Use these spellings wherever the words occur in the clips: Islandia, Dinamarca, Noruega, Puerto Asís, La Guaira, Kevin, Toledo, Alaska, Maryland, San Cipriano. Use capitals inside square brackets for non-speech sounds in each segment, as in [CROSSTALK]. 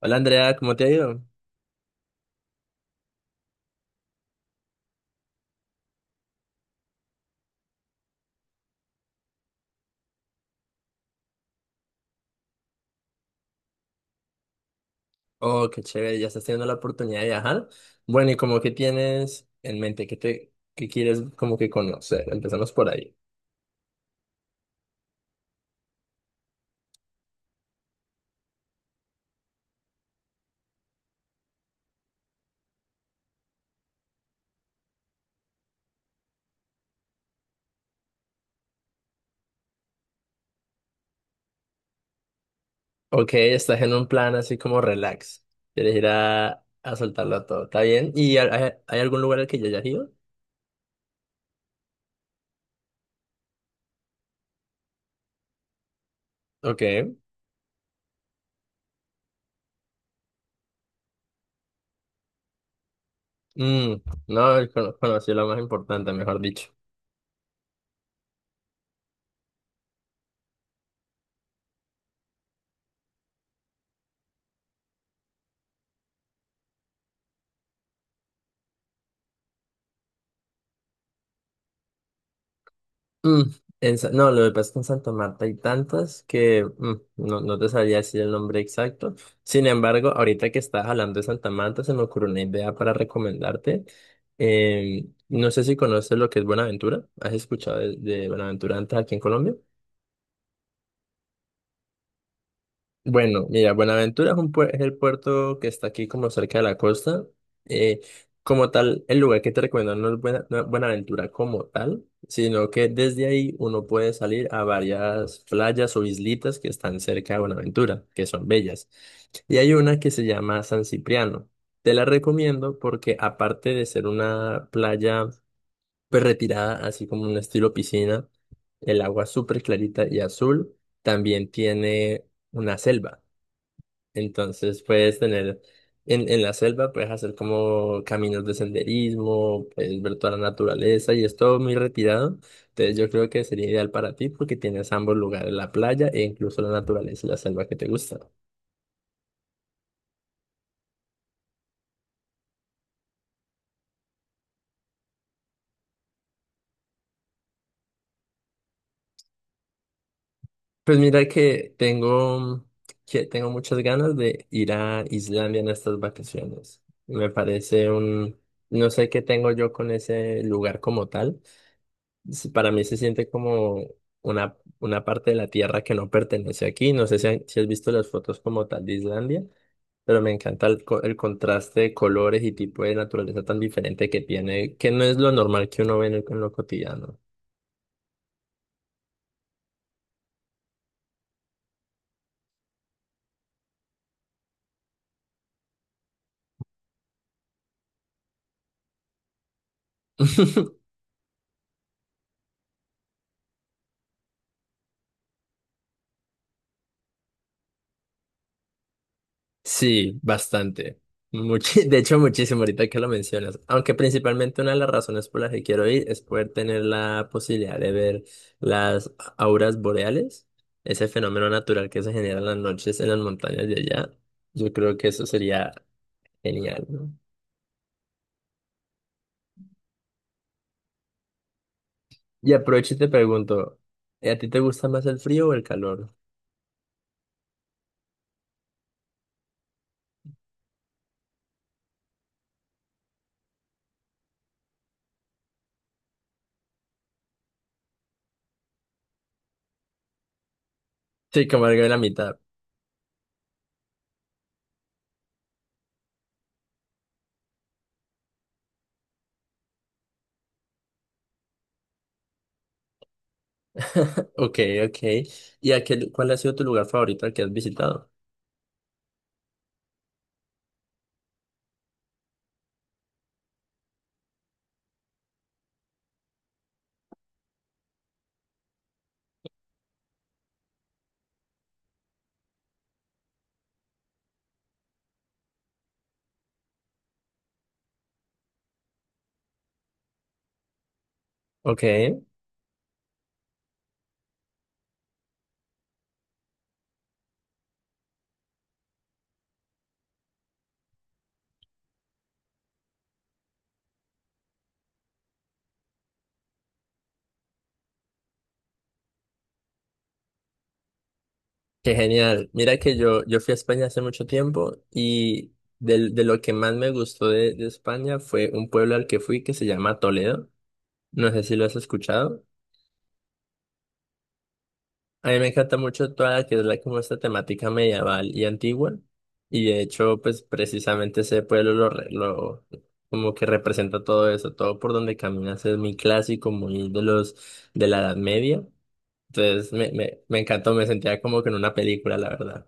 Hola Andrea, ¿cómo te ha ido? Oh, qué chévere, ya estás teniendo la oportunidad de viajar. Bueno, ¿y como que tienes en mente? ¿Qué quieres como que conocer? Empezamos por ahí. Ok, estás en un plan así como relax. Quieres ir a soltarlo todo, ¿está bien? ¿Y hay algún lugar al que ya hayas ido? Ok. Mm, no, conocí lo más importante, mejor dicho. Mm, no, lo que pasa es que en Santa Marta hay tantas que no, no te sabría decir el nombre exacto. Sin embargo, ahorita que estabas hablando de Santa Marta, se me ocurrió una idea para recomendarte. No sé si conoces lo que es Buenaventura. ¿Has escuchado de Buenaventura antes aquí en Colombia? Bueno, mira, Buenaventura es, un puer- es el puerto que está aquí como cerca de la costa. Eh, Como tal, el lugar que te recomiendo no es Buenaventura como tal, sino que desde ahí uno puede salir a varias playas o islitas que están cerca de Buenaventura, que son bellas. Y hay una que se llama San Cipriano. Te la recomiendo porque aparte de ser una playa pues retirada, así como un estilo piscina, el agua es súper clarita y azul, también tiene una selva. Entonces puedes tener en la selva, puedes hacer como caminos de senderismo, puedes ver toda la naturaleza y es todo muy retirado. Entonces yo creo que sería ideal para ti porque tienes ambos lugares, la playa e incluso la naturaleza y la selva que te gusta. Pues mira que tengo, que tengo muchas ganas de ir a Islandia en estas vacaciones. No sé qué tengo yo con ese lugar como tal. Para mí se siente como una parte de la tierra que no pertenece aquí. No sé si has visto las fotos como tal de Islandia, pero me encanta el contraste de colores y tipo de naturaleza tan diferente que tiene, que no es lo normal que uno ve en lo cotidiano. [LAUGHS] Sí, bastante. [LAUGHS] De hecho, muchísimo ahorita que lo mencionas. Aunque principalmente una de las razones por las que quiero ir es poder tener la posibilidad de ver las auras boreales, ese fenómeno natural que se genera en las noches en las montañas de allá. Yo creo que eso sería genial, ¿no? Y aprovecho y te pregunto, ¿a ti te gusta más el frío o el calor? Sí, como algo de la mitad. [LAUGHS] Ok, ok. ¿Cuál ha sido tu lugar favorito al que has visitado? Ok. Qué genial. Mira que yo fui a España hace mucho tiempo y lo que más me gustó de España fue un pueblo al que fui que se llama Toledo. No sé si lo has escuchado. A mí me encanta mucho toda la que es como esta temática medieval y antigua. Y de hecho, pues precisamente ese pueblo lo como que representa todo eso. Todo por donde caminas es muy clásico, muy de los de la Edad Media. Entonces me encantó, me sentía como que en una película, la verdad.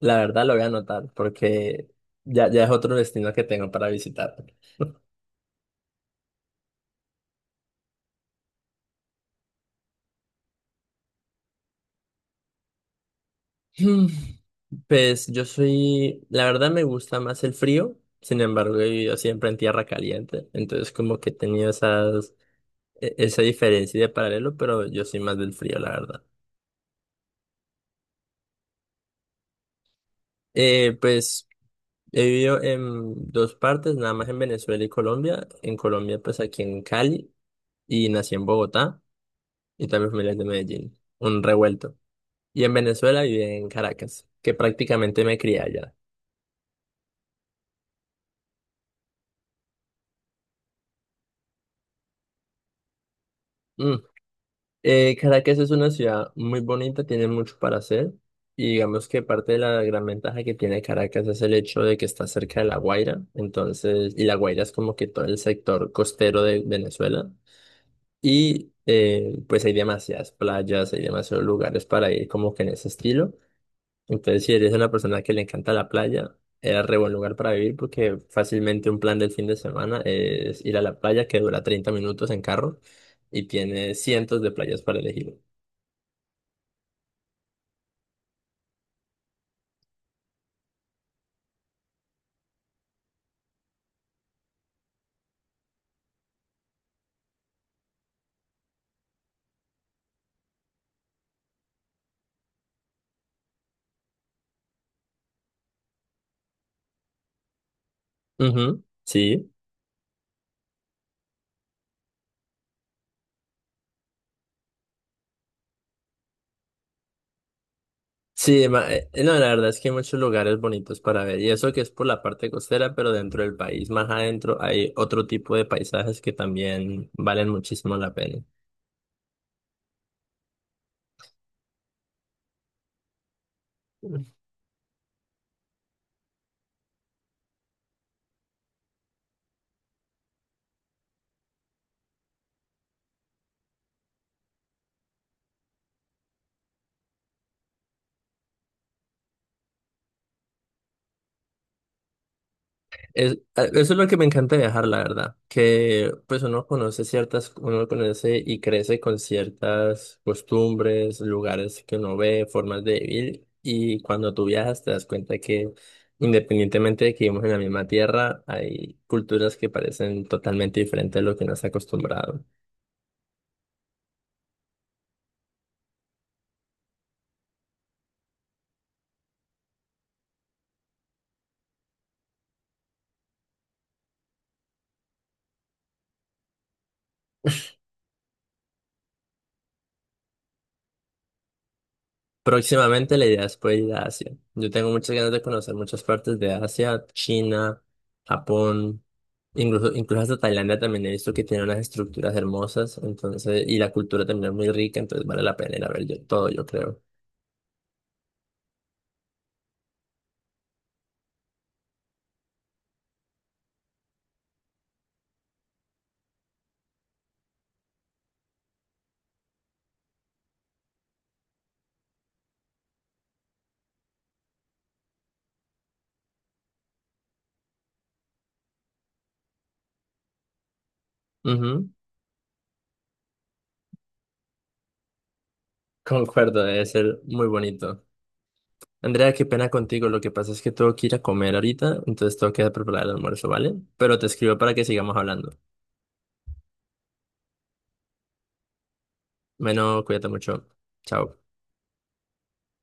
La verdad lo voy a anotar porque ya es otro destino que tengo para visitar. [LAUGHS] Mm. Pues yo soy, la verdad me gusta más el frío, sin embargo he vivido siempre en tierra caliente, entonces como que he tenido esa diferencia de paralelo, pero yo soy más del frío, la verdad. Pues he vivido en dos partes, nada más en Venezuela y Colombia. En Colombia pues aquí en Cali y nací en Bogotá y también familia es de Medellín, un revuelto. Y en Venezuela y en Caracas, que prácticamente me crié allá. Mm. Caracas es una ciudad muy bonita, tiene mucho para hacer. Y digamos que parte de la gran ventaja que tiene Caracas es el hecho de que está cerca de La Guaira. Entonces, y La Guaira es como que todo el sector costero de Venezuela. Y pues hay demasiadas playas, hay demasiados lugares para ir como que en ese estilo. Entonces, si eres una persona que le encanta la playa, es re buen lugar para vivir porque fácilmente un plan del fin de semana es ir a la playa que dura 30 minutos en carro y tiene cientos de playas para elegir. Ujú, sí. Sí, no, la verdad es que hay muchos lugares bonitos para ver y eso que es por la parte costera, pero dentro del país, más adentro, hay otro tipo de paisajes que también valen muchísimo la pena. Eso es lo que me encanta de viajar, la verdad, que pues uno conoce y crece con ciertas costumbres, lugares que uno ve, formas de vivir, y cuando tú viajas te das cuenta que independientemente de que vivimos en la misma tierra, hay culturas que parecen totalmente diferentes a lo que uno está acostumbrado. Próximamente la idea es poder ir a Asia. Yo tengo muchas ganas de conocer muchas partes de Asia, China, Japón, incluso, incluso hasta Tailandia también he visto que tiene unas estructuras hermosas, entonces, y la cultura también es muy rica, entonces vale la pena ir a ver todo, yo creo. Ujú, concuerdo, debe ser muy bonito. Andrea, qué pena contigo, lo que pasa es que tengo que ir a comer ahorita, entonces tengo que preparar el almuerzo, ¿vale? Pero te escribo para que sigamos hablando. Bueno, cuídate mucho. Chao.